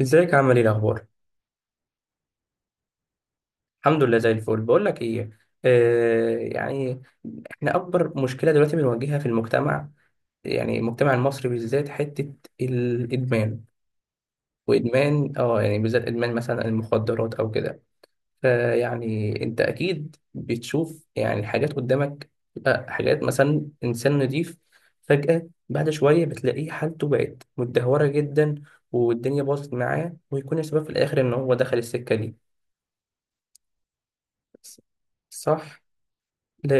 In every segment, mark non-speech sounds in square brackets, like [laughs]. ازيك، عامل ايه الاخبار؟ الحمد لله، زي الفل. بقول لك ايه، آه يعني، احنا اكبر مشكله دلوقتي بنواجهها في المجتمع، يعني المجتمع المصري بالذات، حته الادمان. وادمان، اه يعني، بالذات ادمان مثلا المخدرات او كده. فيعني انت اكيد بتشوف يعني حاجات قدامك، حاجات مثلا انسان نضيف فجاه بعد شويه بتلاقيه حالته بقت متدهوره جدا، والدنيا باظت معاه، ويكون السبب في الاخر ان هو دخل السكه دي. صح. ده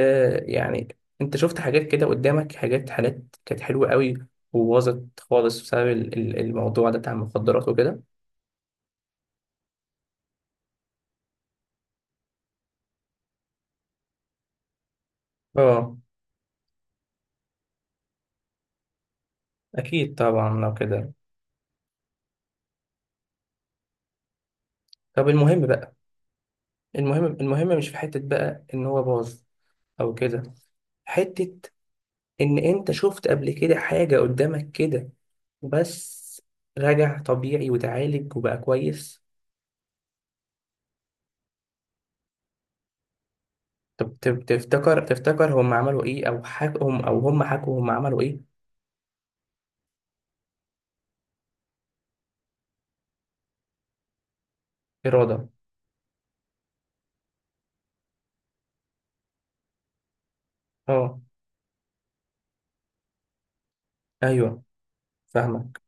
يعني انت شفت حاجات كده قدامك، حاجات، حالات كانت حلوة قوي وباظت خالص بسبب الموضوع ده بتاع المخدرات وكده. اه اكيد طبعا لو كده. طب المهم بقى، المهم مش في حتة بقى ان هو باظ او كده، حتة ان انت شفت قبل كده حاجة قدامك كده بس رجع طبيعي وتعالج وبقى كويس. طب تفتكر، هم عملوا ايه؟ او حكوا هم، او هم حكوا هم عملوا ايه؟ إرادة. اه، ايوه، فاهمك.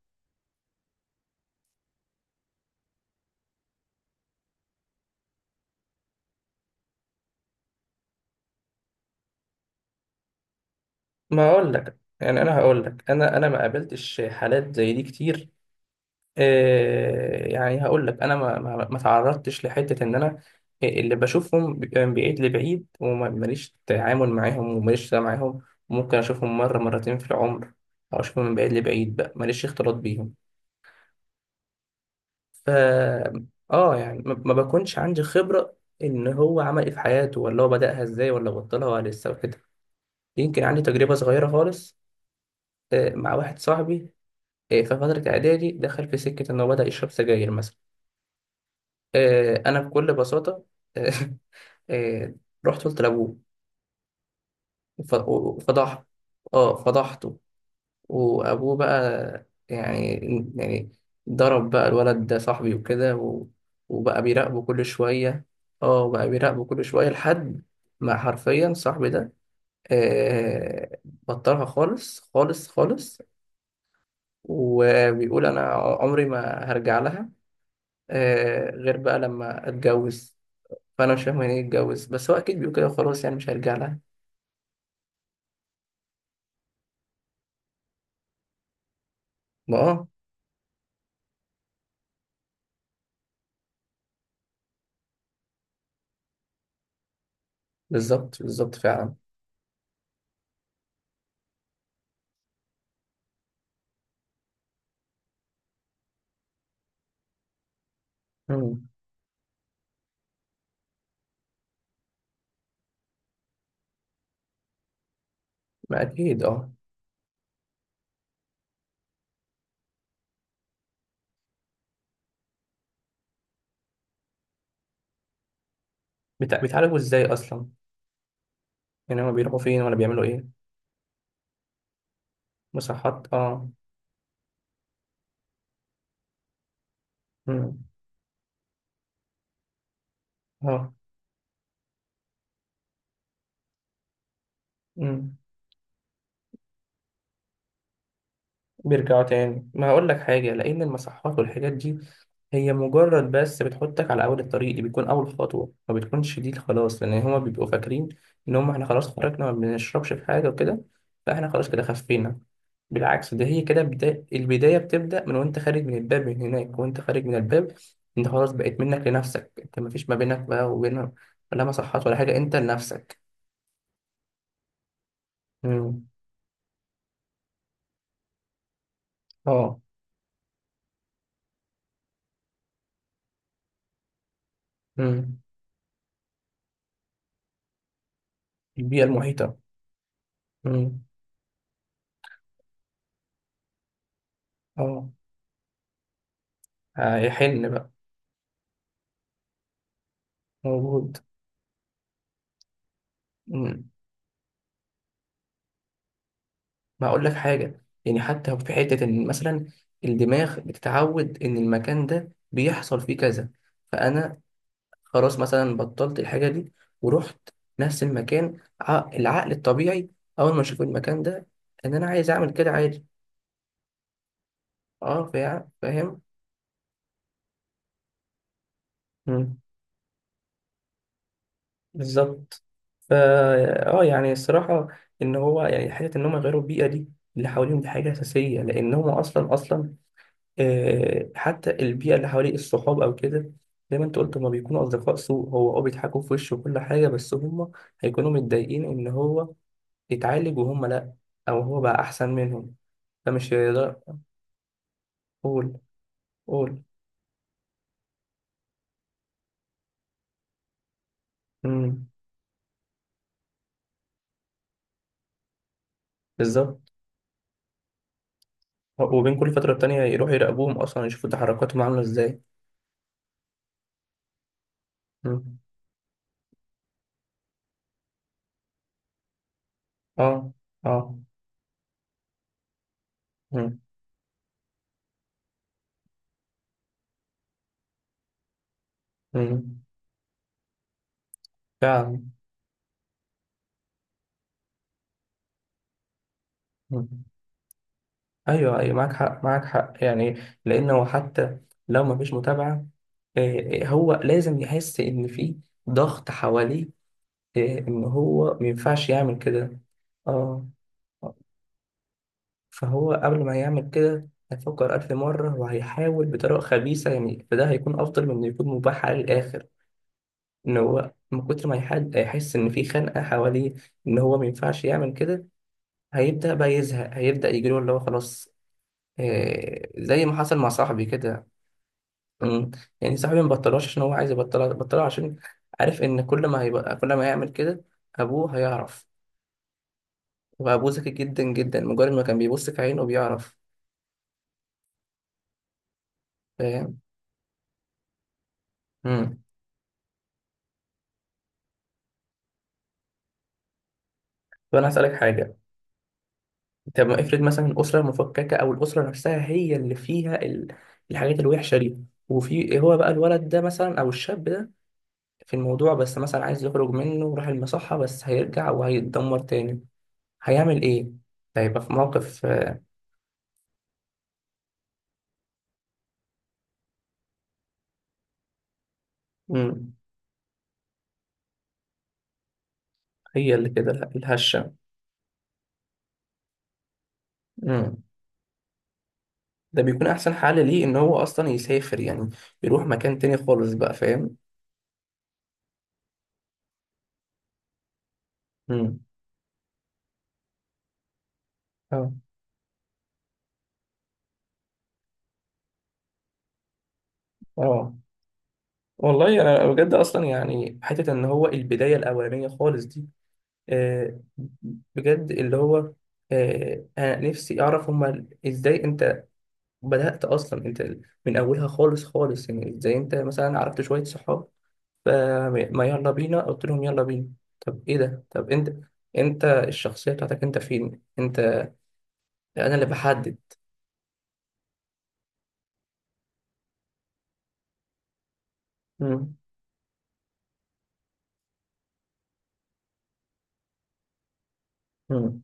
ما اقول لك، يعني انا هقول لك، انا ما قابلتش حالات زي دي كتير. يعني هقول لك انا ما تعرضتش لحته ان انا اللي بشوفهم بيبقى من بعيد لبعيد، وماليش تعامل معاهم وماليش سلام معاهم. ممكن اشوفهم مره مرتين في العمر، او اشوفهم من بعيد لبعيد بقى، ماليش اختلاط بيهم. ف، اه يعني ما بكونش عندي خبره ان هو عمل ايه في حياته، ولا هو بدأها ازاي، ولا بطلها ولا لسه وكده. يمكن عندي تجربه صغيره خالص، مع واحد صاحبي. في فترة إعدادي دخل في سكة إنه بدأ يشرب سجاير مثلا. أنا بكل بساطة. [laughs] إيه، رحت قلت لأبوه. وفضحته. أه فضحته. وأبوه بقى يعني، يعني ضرب بقى الولد ده صاحبي وكده وبقى بيراقبه كل شوية. أه بقى بيراقبه كل شوية لحد ما حرفيا صاحبي ده، إيه، بطلها خالص خالص خالص، وبيقول أنا عمري ما هرجع لها. آه غير بقى لما اتجوز. فانا مش فاهم يعني ايه اتجوز، بس هو اكيد بيقول كده، خلاص يعني مش هيرجع لها. ما اه، بالظبط بالظبط فعلا. مم. ما اكيد اه. بيتعالجوا ازاي اصلا؟ يعني هما بيروحوا فين، ولا بيعملوا ايه؟ مصحات اه. مم. اه. مم. بيرجعوا تاني. ما هقول لك حاجة، لأن المصحات والحاجات دي هي مجرد بس بتحطك على أول الطريق، دي بيكون أول خطوة، ما بتكونش دي خلاص، لأن هما بيبقوا فاكرين إن هما إحنا خلاص خرجنا، ما بنشربش في حاجة وكده، فإحنا خلاص كده خفينا. بالعكس، ده هي كده البداية بتبدأ من وأنت خارج من الباب، من هناك وأنت خارج من الباب. أنت خلاص بقيت منك لنفسك، أنت مفيش ما بينك بقى وبين ولا مصحات ولا حاجة، أنت لنفسك. مم. أه. مم. البيئة المحيطة. مم. أه. هيحن بقى. موجود. مم. ما اقول لك حاجه، يعني حتى في حته ان مثلا الدماغ بتتعود ان المكان ده بيحصل فيه كذا. فانا خلاص مثلا بطلت الحاجه دي ورحت نفس المكان، العقل الطبيعي اول ما اشوف المكان ده، ان انا عايز اعمل كده عادي. اه فاهم. مم. بالظبط. فا اه يعني الصراحه، ان هو يعني حته ان هم يغيروا البيئه دي اللي حواليهم دي حاجه اساسيه، لان هم اصلا اصلا، حتى البيئة اللي حواليه الصحاب أو كده، زي ما أنت قلت هما بيكونوا أصدقاء سوء، هو أه بيضحكوا في وشه وكل حاجة، بس هما هيكونوا متضايقين إن هو اتعالج وهما لأ، أو هو بقى أحسن منهم. فمش هيقدر. قول قول. مم. بالظبط. وبين كل فترة تانية يروحوا يراقبوهم، أصلا يشوفوا تحركاتهم عاملة إزاي. مم. أه. أه. مم. مم. فعلا. إمم. ايوه ايوه، معاك حق معاك حق يعني. لانه حتى لو ما فيش متابعه، هو لازم يحس ان في ضغط حواليه، ان هو ما ينفعش يعمل كده. اه. آه، فهو قبل ما يعمل كده هيفكر ألف مرة، وهيحاول بطريقة خبيثة يعني، فده هيكون أفضل من إنه يكون مباح عليه للآخر، إن هو من كتر ما يحد هيحس إن في خنقة حواليه، إن هو ما ينفعش يعمل كده. هيبدأ بقى يزهق، هيبدأ يجيله اللي هو خلاص. آه زي ما حصل مع صاحبي كده. امم. يعني صاحبي ما بطلهاش عشان هو عايز يبطلها، بطلها عشان عارف ان كل ما يعمل كده ابوه هيعرف. وابوه ذكي جدا جدا، مجرد ما كان بيبص في عينه بيعرف. فاهم. امم. طب انا هسألك حاجة. طب ما افرض مثلا الأسرة المفككة، او الأسرة نفسها هي اللي فيها الحاجات الوحشة دي، وفي هو بقى الولد ده مثلا او الشاب ده في الموضوع، بس مثلا عايز يخرج منه وراح المصحة، بس هيرجع وهيتدمر تاني. هيعمل ايه؟ هيبقى في موقف امم هي اللي كده الهشة. مم. ده بيكون احسن حل ليه ان هو اصلا يسافر، يعني يروح مكان تاني خالص بقى، فاهم. مم. اه اه. والله انا بجد اصلا يعني حته ان هو البدايه الاولانيه خالص دي، آه بجد اللي هو، آه انا نفسي اعرف، هما ازاي انت بدات اصلا انت، من اولها خالص خالص، يعني ازاي انت مثلا عرفت شويه صحاب فما يلا بينا، قلت لهم يلا بينا. طب ايه ده؟ طب انت الشخصيه بتاعتك، انت فين انت، انا اللي بحدد. مم. مم.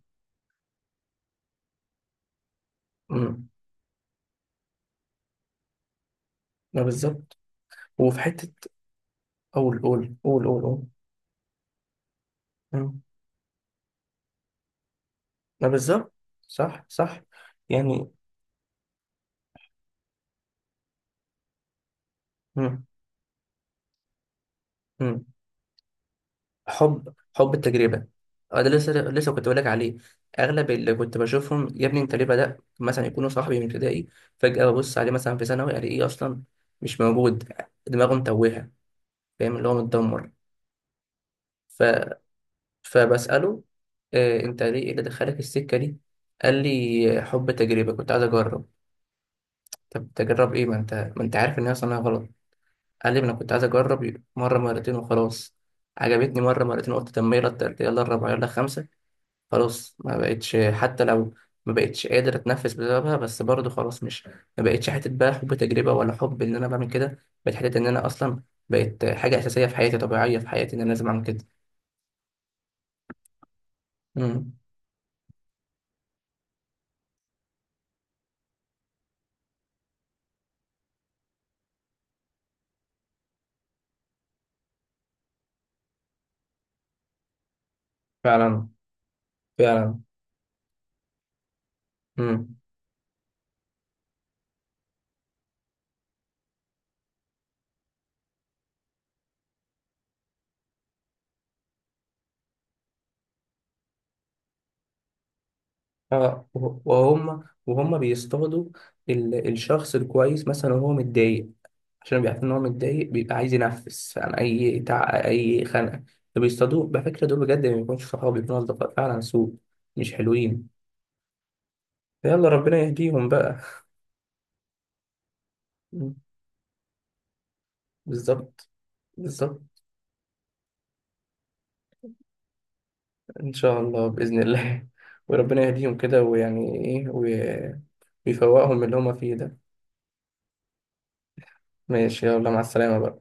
مم. ما بالظبط. وفي حتة قول قول قول قول قول. مم. ما بالظبط. صح صح يعني. مم. مم. حب حب التجربة. اه ده لسه لسه كنت بقولك عليه. أغلب اللي كنت بشوفهم يا ابني أنت ليه بدأت؟ مثلا يكونوا صاحبي من ابتدائي، فجأة ببص عليه مثلا في ثانوي ألاقيه إيه أصلا؟ مش موجود، دماغه متوهة، فاهم اللي هو متدمر. ف... فبسأله، أنت ليه، إيه اللي دخلك السكة دي؟ قال لي حب تجربة، كنت عايز أجرب. طب تجرب ايه؟ ما انت عارف ان هي صناعة غلط. قال لي ما انا كنت عايز اجرب مرة مرتين وخلاص، عجبتني مرة مرتين، قلت طب ما يلا التالتة، يلا الرابعة، يلا الخامسة، خلاص ما بقتش حتى لو، ما بقتش قادر اتنفس بسببها، بس برضه خلاص، مش ما بقتش حتة بقى حب تجربة ولا حب ان انا بعمل كده، بقت حتة ان انا اصلا بقت حاجة اساسية في حياتي، طبيعية في حياتي ان انا لازم اعمل كده. امم. فعلا فعلا. امم. اه وهم بيصطادوا الشخص الكويس مثلا، وهو متضايق، عشان بيعرف ان هو متضايق بيبقى عايز ينفس عن اي خنقه. فبيصطادوه على فكره. دول بجد ما بيكونوش صحاب، بيكونوا اصدقاء فعلا سوء، مش حلوين. يلا ربنا يهديهم بقى. [laughs] مم. بالظبط بالظبط. ان شاء الله باذن الله. [laughs] وربنا يهديهم كده ويعني ايه ويفوقهم من اللي هما فيه ده. ماشي يلا مع السلامه بقى.